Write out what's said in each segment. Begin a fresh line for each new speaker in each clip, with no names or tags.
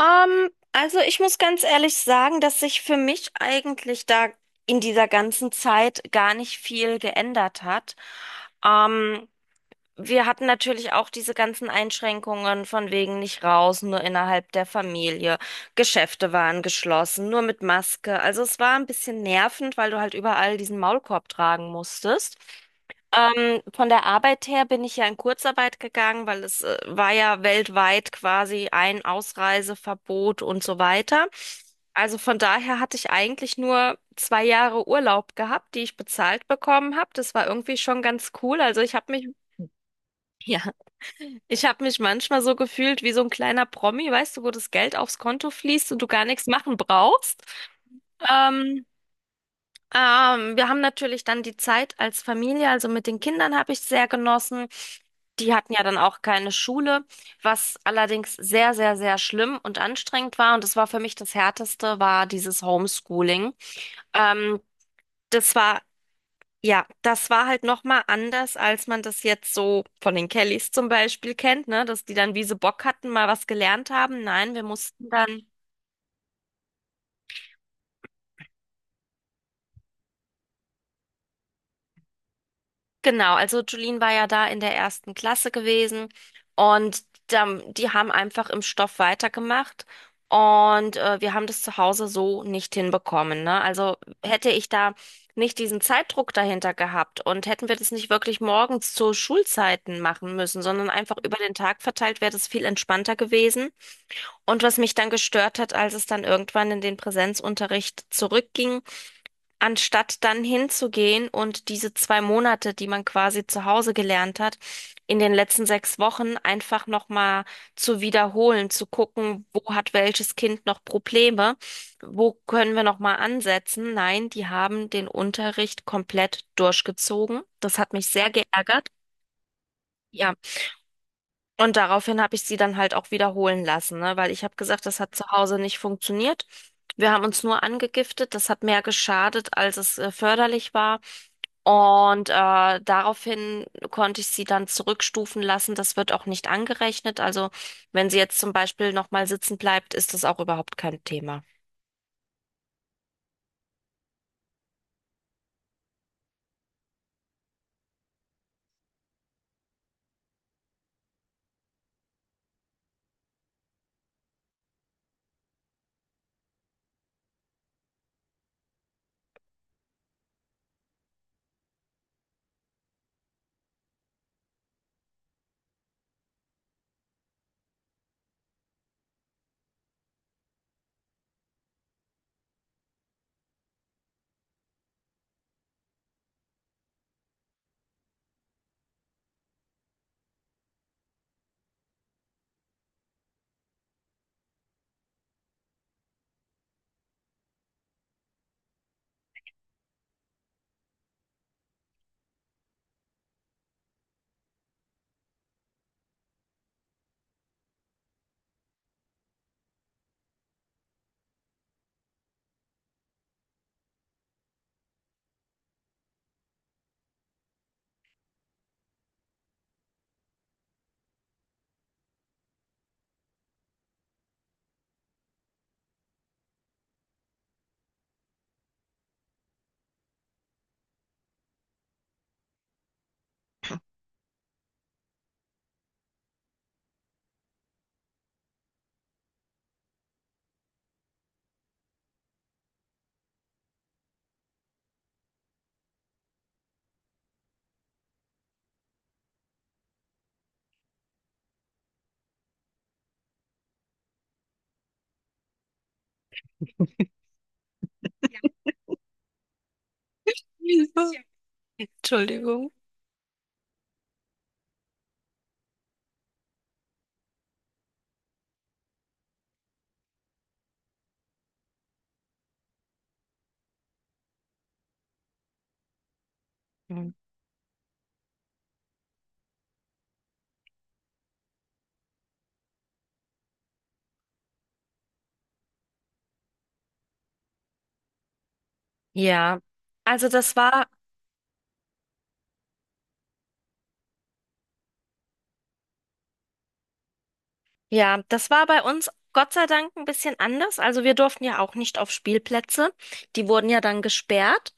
Also ich muss ganz ehrlich sagen, dass sich für mich eigentlich da in dieser ganzen Zeit gar nicht viel geändert hat. Ähm, Wir hatten natürlich auch diese ganzen Einschränkungen von wegen nicht raus, nur innerhalb der Familie. Geschäfte waren geschlossen, nur mit Maske. Also es war ein bisschen nervend, weil du halt überall diesen Maulkorb tragen musstest. Von der Arbeit her bin ich ja in Kurzarbeit gegangen, weil es war ja weltweit quasi ein Ausreiseverbot und so weiter. Also von daher hatte ich eigentlich nur 2 Jahre Urlaub gehabt, die ich bezahlt bekommen habe. Das war irgendwie schon ganz cool. Also ich habe mich, ja. Ich habe mich manchmal so gefühlt wie so ein kleiner Promi, weißt du, wo das Geld aufs Konto fließt und du gar nichts machen brauchst. Ähm, Wir haben natürlich dann die Zeit als Familie, also mit den Kindern habe ich sehr genossen. Die hatten ja dann auch keine Schule, was allerdings sehr, sehr, sehr schlimm und anstrengend war. Und das war für mich das Härteste, war dieses Homeschooling. Ähm, das war ja, das war halt nochmal anders, als man das jetzt so von den Kellys zum Beispiel kennt, ne? Dass die dann, wie sie Bock hatten, mal was gelernt haben. Nein, wir mussten dann, genau, also Julien war ja da in der ersten Klasse gewesen und dann, die haben einfach im Stoff weitergemacht und wir haben das zu Hause so nicht hinbekommen, ne? Also hätte ich da nicht diesen Zeitdruck dahinter gehabt und hätten wir das nicht wirklich morgens zu Schulzeiten machen müssen, sondern einfach über den Tag verteilt, wäre das viel entspannter gewesen. Und was mich dann gestört hat, als es dann irgendwann in den Präsenzunterricht zurückging, anstatt dann hinzugehen und diese 2 Monate, die man quasi zu Hause gelernt hat, in den letzten 6 Wochen einfach nochmal zu wiederholen, zu gucken, wo hat welches Kind noch Probleme, wo können wir nochmal ansetzen. Nein, die haben den Unterricht komplett durchgezogen. Das hat mich sehr geärgert. Ja. Und daraufhin habe ich sie dann halt auch wiederholen lassen, ne? Weil ich habe gesagt, das hat zu Hause nicht funktioniert. Wir haben uns nur angegiftet, das hat mehr geschadet, als es förderlich war. Und daraufhin konnte ich sie dann zurückstufen lassen. Das wird auch nicht angerechnet. Also wenn sie jetzt zum Beispiel nochmal sitzen bleibt, ist das auch überhaupt kein Thema. Entschuldigung. Mhm. Ja, also das war Ja, das war bei uns Gott sei Dank ein bisschen anders. Also wir durften ja auch nicht auf Spielplätze. Die wurden ja dann gesperrt.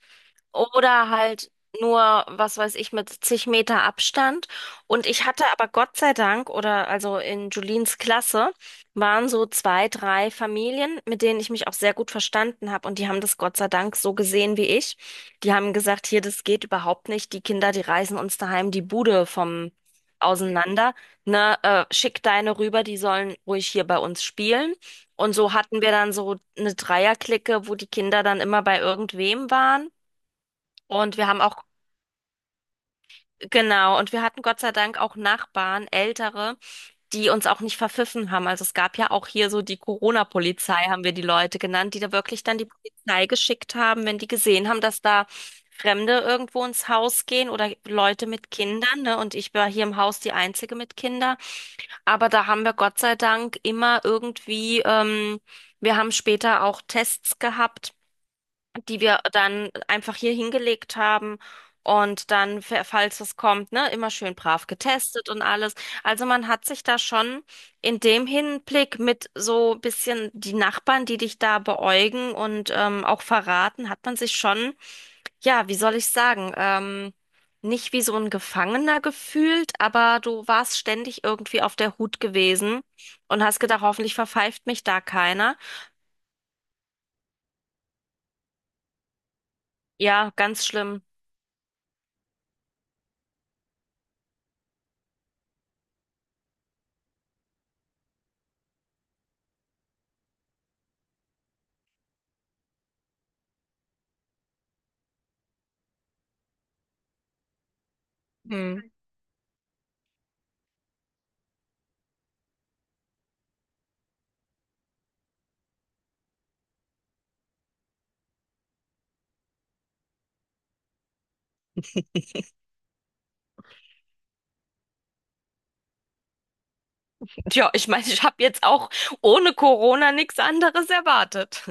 Oder halt nur, was weiß ich, mit zig Meter Abstand. Und ich hatte aber Gott sei Dank, oder also in Julines Klasse, waren so zwei, drei Familien, mit denen ich mich auch sehr gut verstanden habe. Und die haben das Gott sei Dank so gesehen wie ich. Die haben gesagt, hier, das geht überhaupt nicht. Die Kinder, die reißen uns daheim die Bude vom auseinander. Ne, schick deine rüber, die sollen ruhig hier bei uns spielen. Und so hatten wir dann so eine Dreierclique, wo die Kinder dann immer bei irgendwem waren. Und wir haben auch, genau, und wir hatten Gott sei Dank auch Nachbarn, ältere, die uns auch nicht verpfiffen haben. Also es gab ja auch hier so die Corona-Polizei, haben wir die Leute genannt, die da wirklich dann die Polizei geschickt haben, wenn die gesehen haben, dass da Fremde irgendwo ins Haus gehen oder Leute mit Kindern, ne? Und ich war hier im Haus die Einzige mit Kindern. Aber da haben wir Gott sei Dank immer irgendwie, wir haben später auch Tests gehabt die wir dann einfach hier hingelegt haben. Und dann, falls es kommt, ne, immer schön brav getestet und alles. Also man hat sich da schon in dem Hinblick mit so ein bisschen die Nachbarn, die dich da beäugen und auch verraten, hat man sich schon, ja, wie soll ich sagen, nicht wie so ein Gefangener gefühlt, aber du warst ständig irgendwie auf der Hut gewesen und hast gedacht, hoffentlich verpfeift mich da keiner. Ja, ganz schlimm. Hm. Ja, ich meine, ich habe jetzt auch ohne Corona nichts anderes erwartet.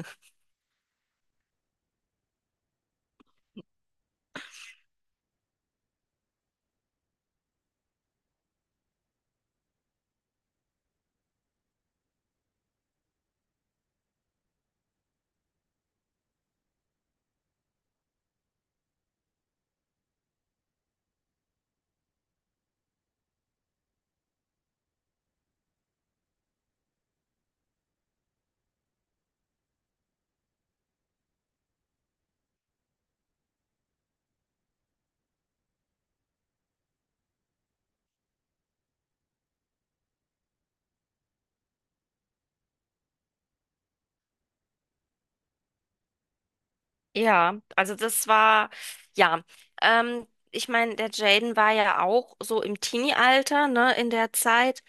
Ja, also das war, ja, ich meine, der Jaden war ja auch so im Teenie-Alter, ne, in der Zeit.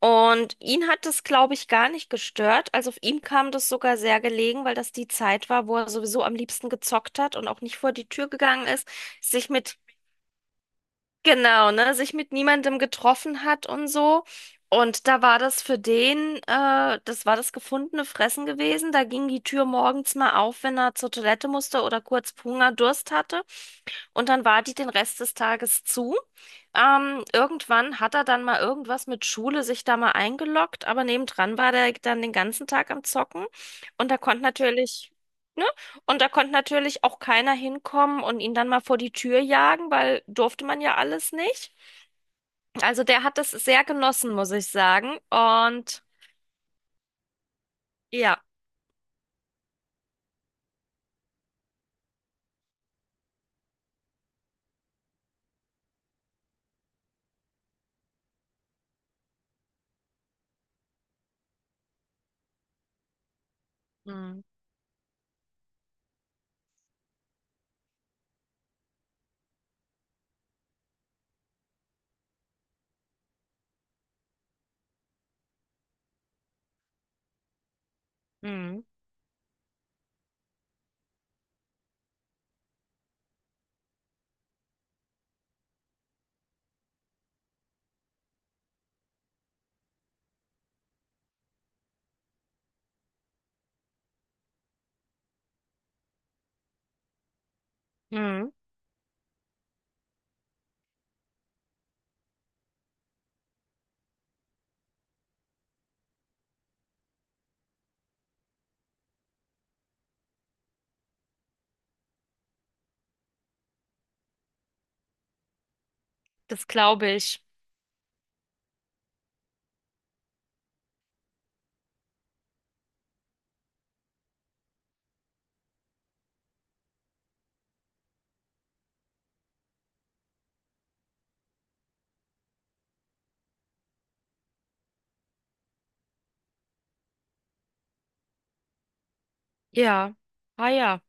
Und ihn hat das, glaube ich, gar nicht gestört. Also auf ihm kam das sogar sehr gelegen, weil das die Zeit war, wo er sowieso am liebsten gezockt hat und auch nicht vor die Tür gegangen ist, sich mit Genau, ne, sich mit niemandem getroffen hat und so. Und da war das für den, das war das gefundene Fressen gewesen. Da ging die Tür morgens mal auf, wenn er zur Toilette musste oder kurz Hunger, Durst hatte. Und dann war die den Rest des Tages zu. Irgendwann hat er dann mal irgendwas mit Schule sich da mal eingeloggt, aber nebendran war der dann den ganzen Tag am Zocken. Und da konnte natürlich, ne? Und da konnte natürlich auch keiner hinkommen und ihn dann mal vor die Tür jagen, weil durfte man ja alles nicht. Also der hat das sehr genossen, muss ich sagen. Und ja. Mhm. Mhm. Mhm. Das glaube ich. Ja. Ah ja.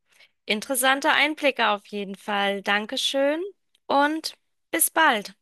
Interessante Einblicke auf jeden Fall. Dankeschön und bis bald.